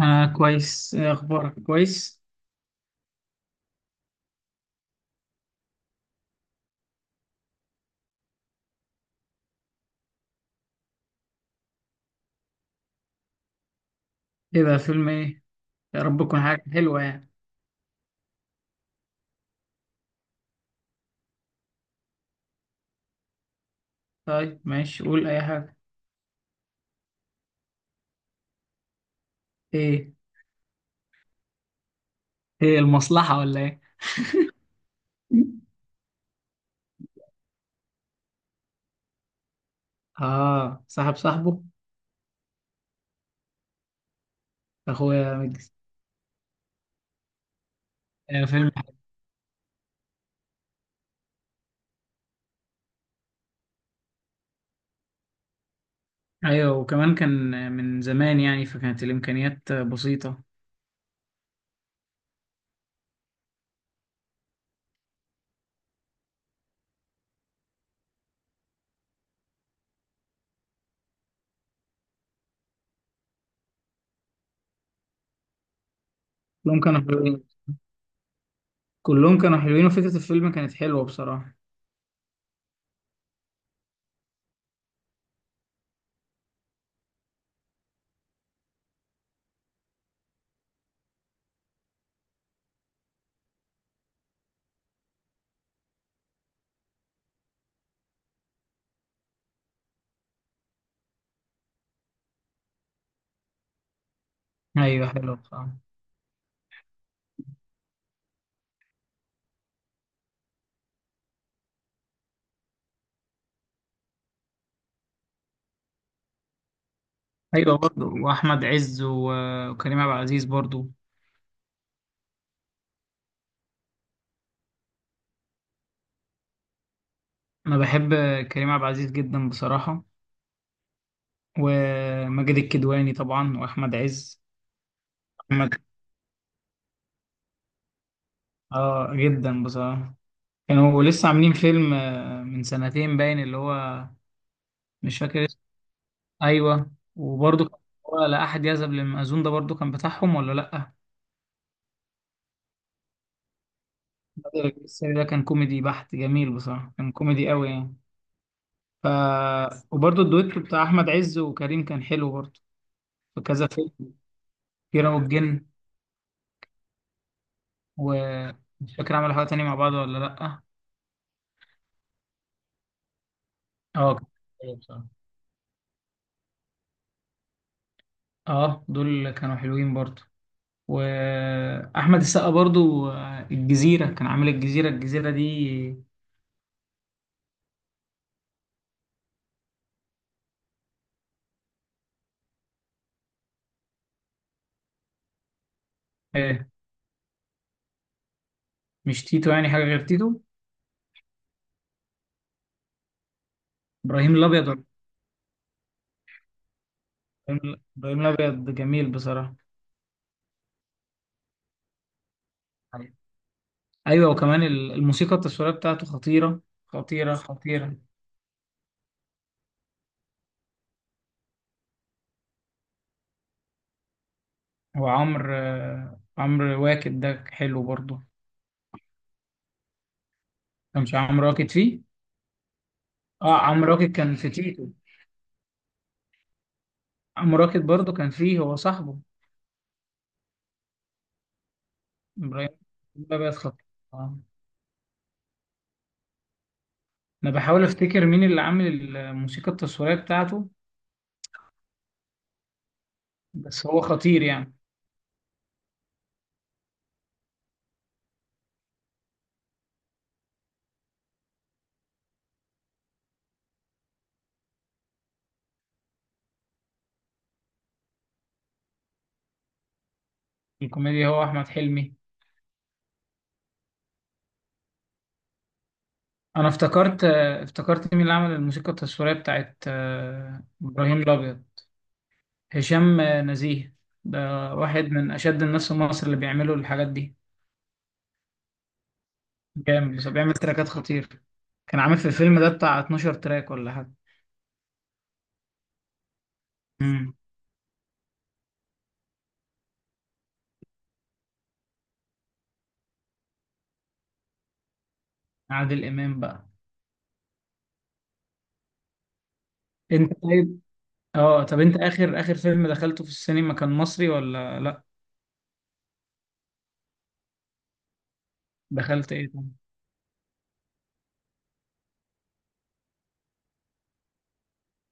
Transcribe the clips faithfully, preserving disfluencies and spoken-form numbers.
آه، كويس. إيه أخبارك؟ كويس. إيه ده؟ فيلم إيه؟ يا رب تكون حاجة حلوة يعني. طيب، ماشي، قول أي حاجة. إيه إيه المصلحة ولا إيه؟ آه، صاحب صاحبه. أخويا مجلس. آه، فيلم. أيوة، وكمان كان من زمان يعني، فكانت الإمكانيات بسيطة. كلهم كانوا حلوين. كلهم كانوا حلوين وفكرة الفيلم كانت حلوة بصراحة. أيوة، حلوة بصراحة. أيوة برضه، وأحمد عز و- وكريم عبد العزيز برضه. أنا بحب كريم عبد العزيز جدا بصراحة، وماجد الكدواني طبعا واحمد عز. محمد. اه، جدا بصراحه. كانوا لسه عاملين فيلم آه، من سنتين باين، اللي هو مش فاكر اسمه. ايوه، وبرضه كان، هو لا احد يذهب للمأذون ده برضه كان بتاعهم ولا لا؟ بدر الجسري ده كان كوميدي بحت، جميل بصراحه، كان كوميدي قوي يعني. ف وبرضه الدويتو بتاع احمد عز وكريم كان حلو برضه. في كذا فيلم. كيرة والجن. ومش فاكر عملوا حاجه تانية مع بعض ولا لا. اه، كان حلو بصراحه. اه، دول كانوا حلوين برضه. واحمد السقا برضو آه، الجزيره، كان عامل الجزيره الجزيره دي. آه، مش تيتو يعني، حاجه غير تيتو. ابراهيم الابيض ولا- ابراهيم إبراهيم الابيض جميل بصراحه. ايوه، وكمان ال- الموسيقى التصويريه بتاعته خطيره. خطيره خطيره. وعمرو آه، عمرو واكد ده حلو برضو. كانش عمرو واكد فيه؟ اه، عمرو واكد كان في تيتو. عمرو واكد برضو كان فيه، هو صاحبه. ابراهيم الابيض خطير. آه. انا بحاول افتكر مين اللي عامل الموسيقى التصويريه بتاعته. بس هو خطير يعني. الكوميديا هو احمد حلمي. انا افتكرت، آه، افتكرت مين اللي عمل الموسيقى التصويريه بتاعت آه، ابراهيم الابيض. هشام آه، نزيه. ده واحد من اشد الناس في مصر اللي بيعملوا الحاجات دي. جامد، بس بيعمل تراكات خطير. كان عامل في الفيلم ده بتاع اتناشر تراك ولا حاجه. امم عادل امام بقى. انت طيب. اه طب، انت اخر اخر فيلم دخلته في السينما كان مصري ولا لا؟ دخلت ايه ده؟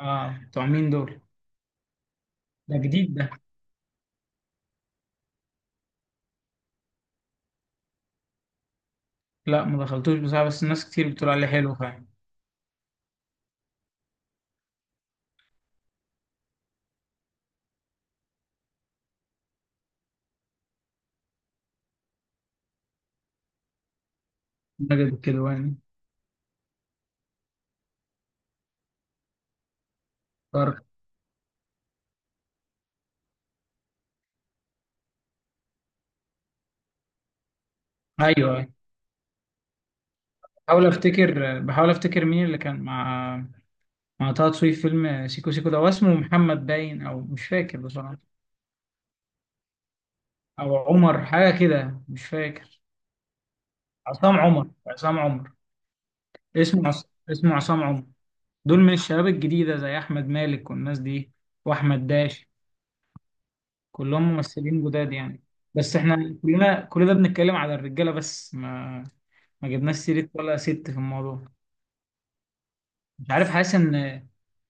اه، بتوع مين دول؟ ده جديد. لا، ما دخلتوش بصراحة، بس الناس كتير بتقول عليه حلو فعلا. ماجد الكدواني. طارق. ايوه، أيوة. بحاول افتكر بحاول افتكر مين اللي كان مع مع طه دسوقي في فيلم سيكو سيكو ده. هو اسمه محمد باين، او مش فاكر بصراحة. او عمر، حاجة كده، مش فاكر. عصام عمر، عصام عمر. اسمه عص... اسمه عصام عمر. دول من الشباب الجديدة، زي احمد مالك والناس دي، واحمد داش. كلهم ممثلين جداد يعني. بس احنا كلنا كل ده بنتكلم على الرجالة بس، ما ما جبناش سيرة ولا ست في الموضوع. مش عارف، حاسس ان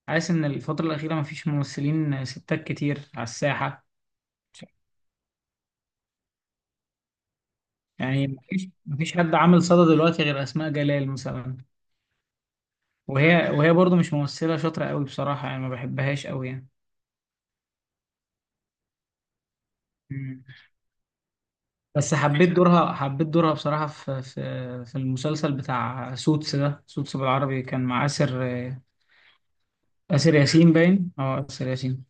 حاسس ان الفترة الأخيرة مفيش ممثلين ستات كتير على الساحة. يعني مفيش مفيش حد عامل صدى دلوقتي غير أسماء جلال مثلا. وهي وهي برضو مش ممثلة شاطرة قوي بصراحة يعني، ما بحبهاش قوي يعني. مم. بس حبيت دورها، حبيت دورها بصراحة، في في في المسلسل بتاع سوتس ده. سوتس بالعربي كان مع آسر. آسر ياسين باين، اه، آسر ياسين.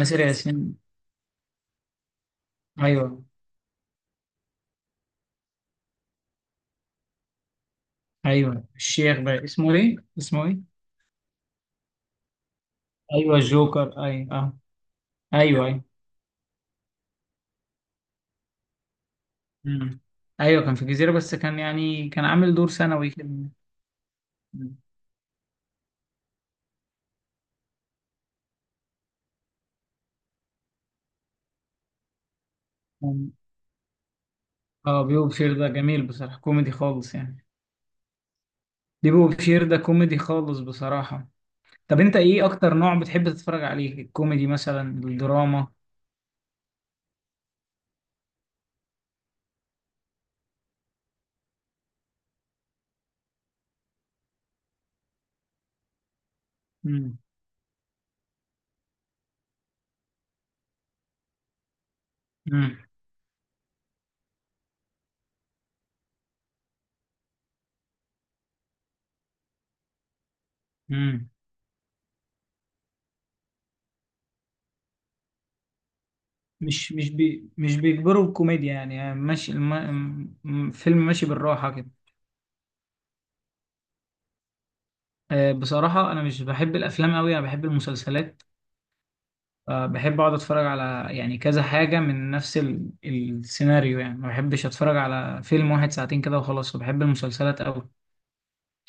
آسر ياسين. ايوه، ايوه. الشيخ، باين اسمه ايه، اسمه ايه ايوه، الجوكر، ايوه اه. ايوه، ايوه. مم. ايوه، كان في الجزيره، بس كان يعني كان عامل دور ثانوي كان. كان- اه، بيبو بشير ده جميل بصراحه، كوميدي خالص يعني. بيبو بشير ده كوميدي خالص بصراحه. طب انت ايه اكتر نوع بتحب تتفرج عليه؟ الكوميدي مثلا، الدراما؟ مم. مم. مم. مش مش بي مش بيجبروا الكوميديا يعني، يعني ماشي الم... م- فيلم ماشي بالراحه كده. آه، بصراحة أنا مش بحب الأفلام أوي، أنا بحب المسلسلات. آه، بحب اقعد اتفرج على يعني كذا حاجة من نفس ال- السيناريو يعني، ما بحبش اتفرج على فيلم واحد ساعتين كده وخلاص، وبحب المسلسلات قوي.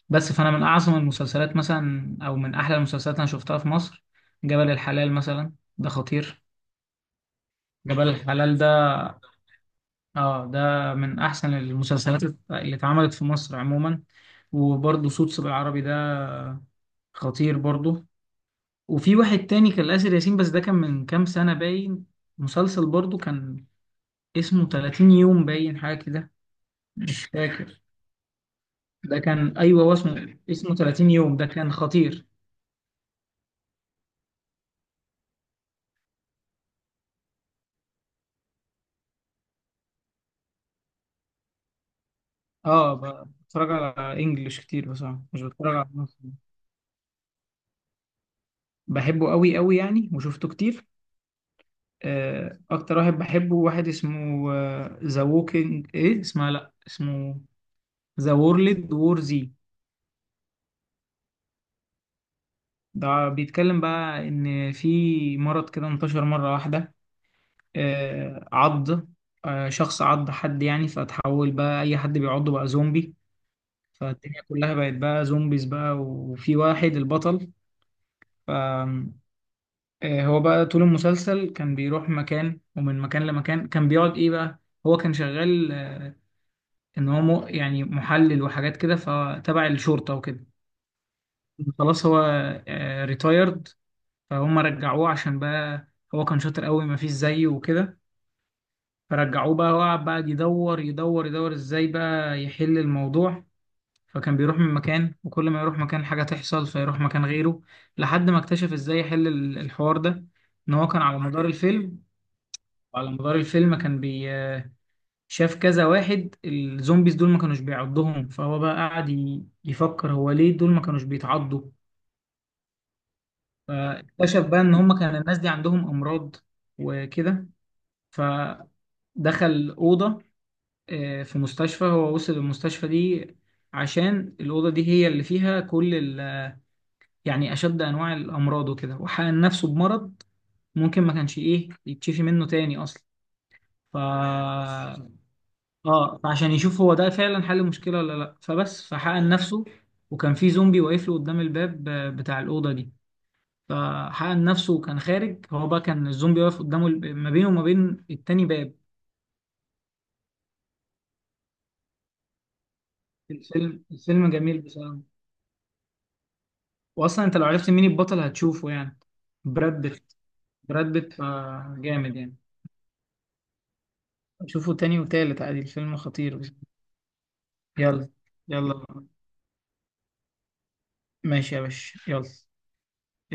بس فانا من اعظم المسلسلات مثلا، او من احلى المسلسلات انا شفتها في مصر، جبل الحلال مثلا، ده خطير. جبل الحلال ده، اه، ده من احسن المسلسلات اللي اتعملت في مصر عموما. وبرضه صوت بالعربي ده خطير برضه. وفي واحد تاني كان آسر ياسين، بس ده كان من كام سنة باين، مسلسل برضه كان اسمه تلاتين يوم باين، حاجة كده. مش فاكر. ده كان، أيوه، هو اسمه اسمه ثلاثين يوم، ده كان خطير. اه، ب- بتفرج على انجلش كتير بصراحة، مش بتفرج على مصري. بحبه قوي قوي يعني، وشفته كتير. آه، أكتر واحد بحبه، واحد اسمه ذا ووكينج، إيه اسمها، لأ اسمه ذا وورلد وور زي. ده بيتكلم بقى إن في مرض كده انتشر مرة واحدة. آه، عض آه، شخص عض حد يعني، فتحول بقى أي حد بيعضه بقى زومبي. فالدنيا كلها بقت بقى زومبيز، بقى وفي واحد البطل. ف آه، هو بقى طول المسلسل كان بيروح مكان، ومن مكان لمكان كان بيقعد ايه بقى. هو كان شغال، آه، ان هو م- يعني محلل وحاجات كده، فتبع الشرطة وكده. خلاص هو ريتايرد، فهم رجعوه عشان بقى هو كان شاطر قوي مفيش زيه وكده. فرجعوه بقى، وقعد بقى يدور يدور يدور ازاي بقى يحل الموضوع. فكان بيروح من مكان، وكل ما يروح مكان حاجة تحصل فيروح مكان غيره، لحد ما اكتشف ازاي يحل ال- الحوار ده. ان هو كان على مدار الفيلم، وعلى مدار الفيلم كان بي شاف كذا واحد الزومبيز دول ما كانوش بيعضهم. فهو بقى قعد ي- يفكر هو ليه دول ما كانوش بيتعضوا. فاكتشف بقى ان هما كان الناس دي عندهم امراض وكده. فدخل أوضة آه، في مستشفى. هو وصل المستشفى دي عشان الأوضة دي هي اللي فيها كل يعني أشد أنواع الأمراض وكده، وحقن نفسه بمرض ممكن ما كانش إيه يتشفي منه تاني أصلا. ف آه فعشان يشوف هو ده فعلا حل المشكلة ولا لأ، فبس فحقن نفسه. وكان في زومبي واقف له قدام الباب آه، بتاع الأوضة دي. فحقن نفسه وكان خارج، هو بقى كان الزومبي واقف قدامه، الب- ما بينه وما بين التاني باب. الفيلم الفيلم جميل بصراحة. وأصلا أنت لو عرفت مين البطل هتشوفه يعني. براد بيت. براد بيت، آه، جامد يعني. شوفوا تاني وتالت عادي، الفيلم خطير. يلا. يلا. ماشي يا باشا، يلا.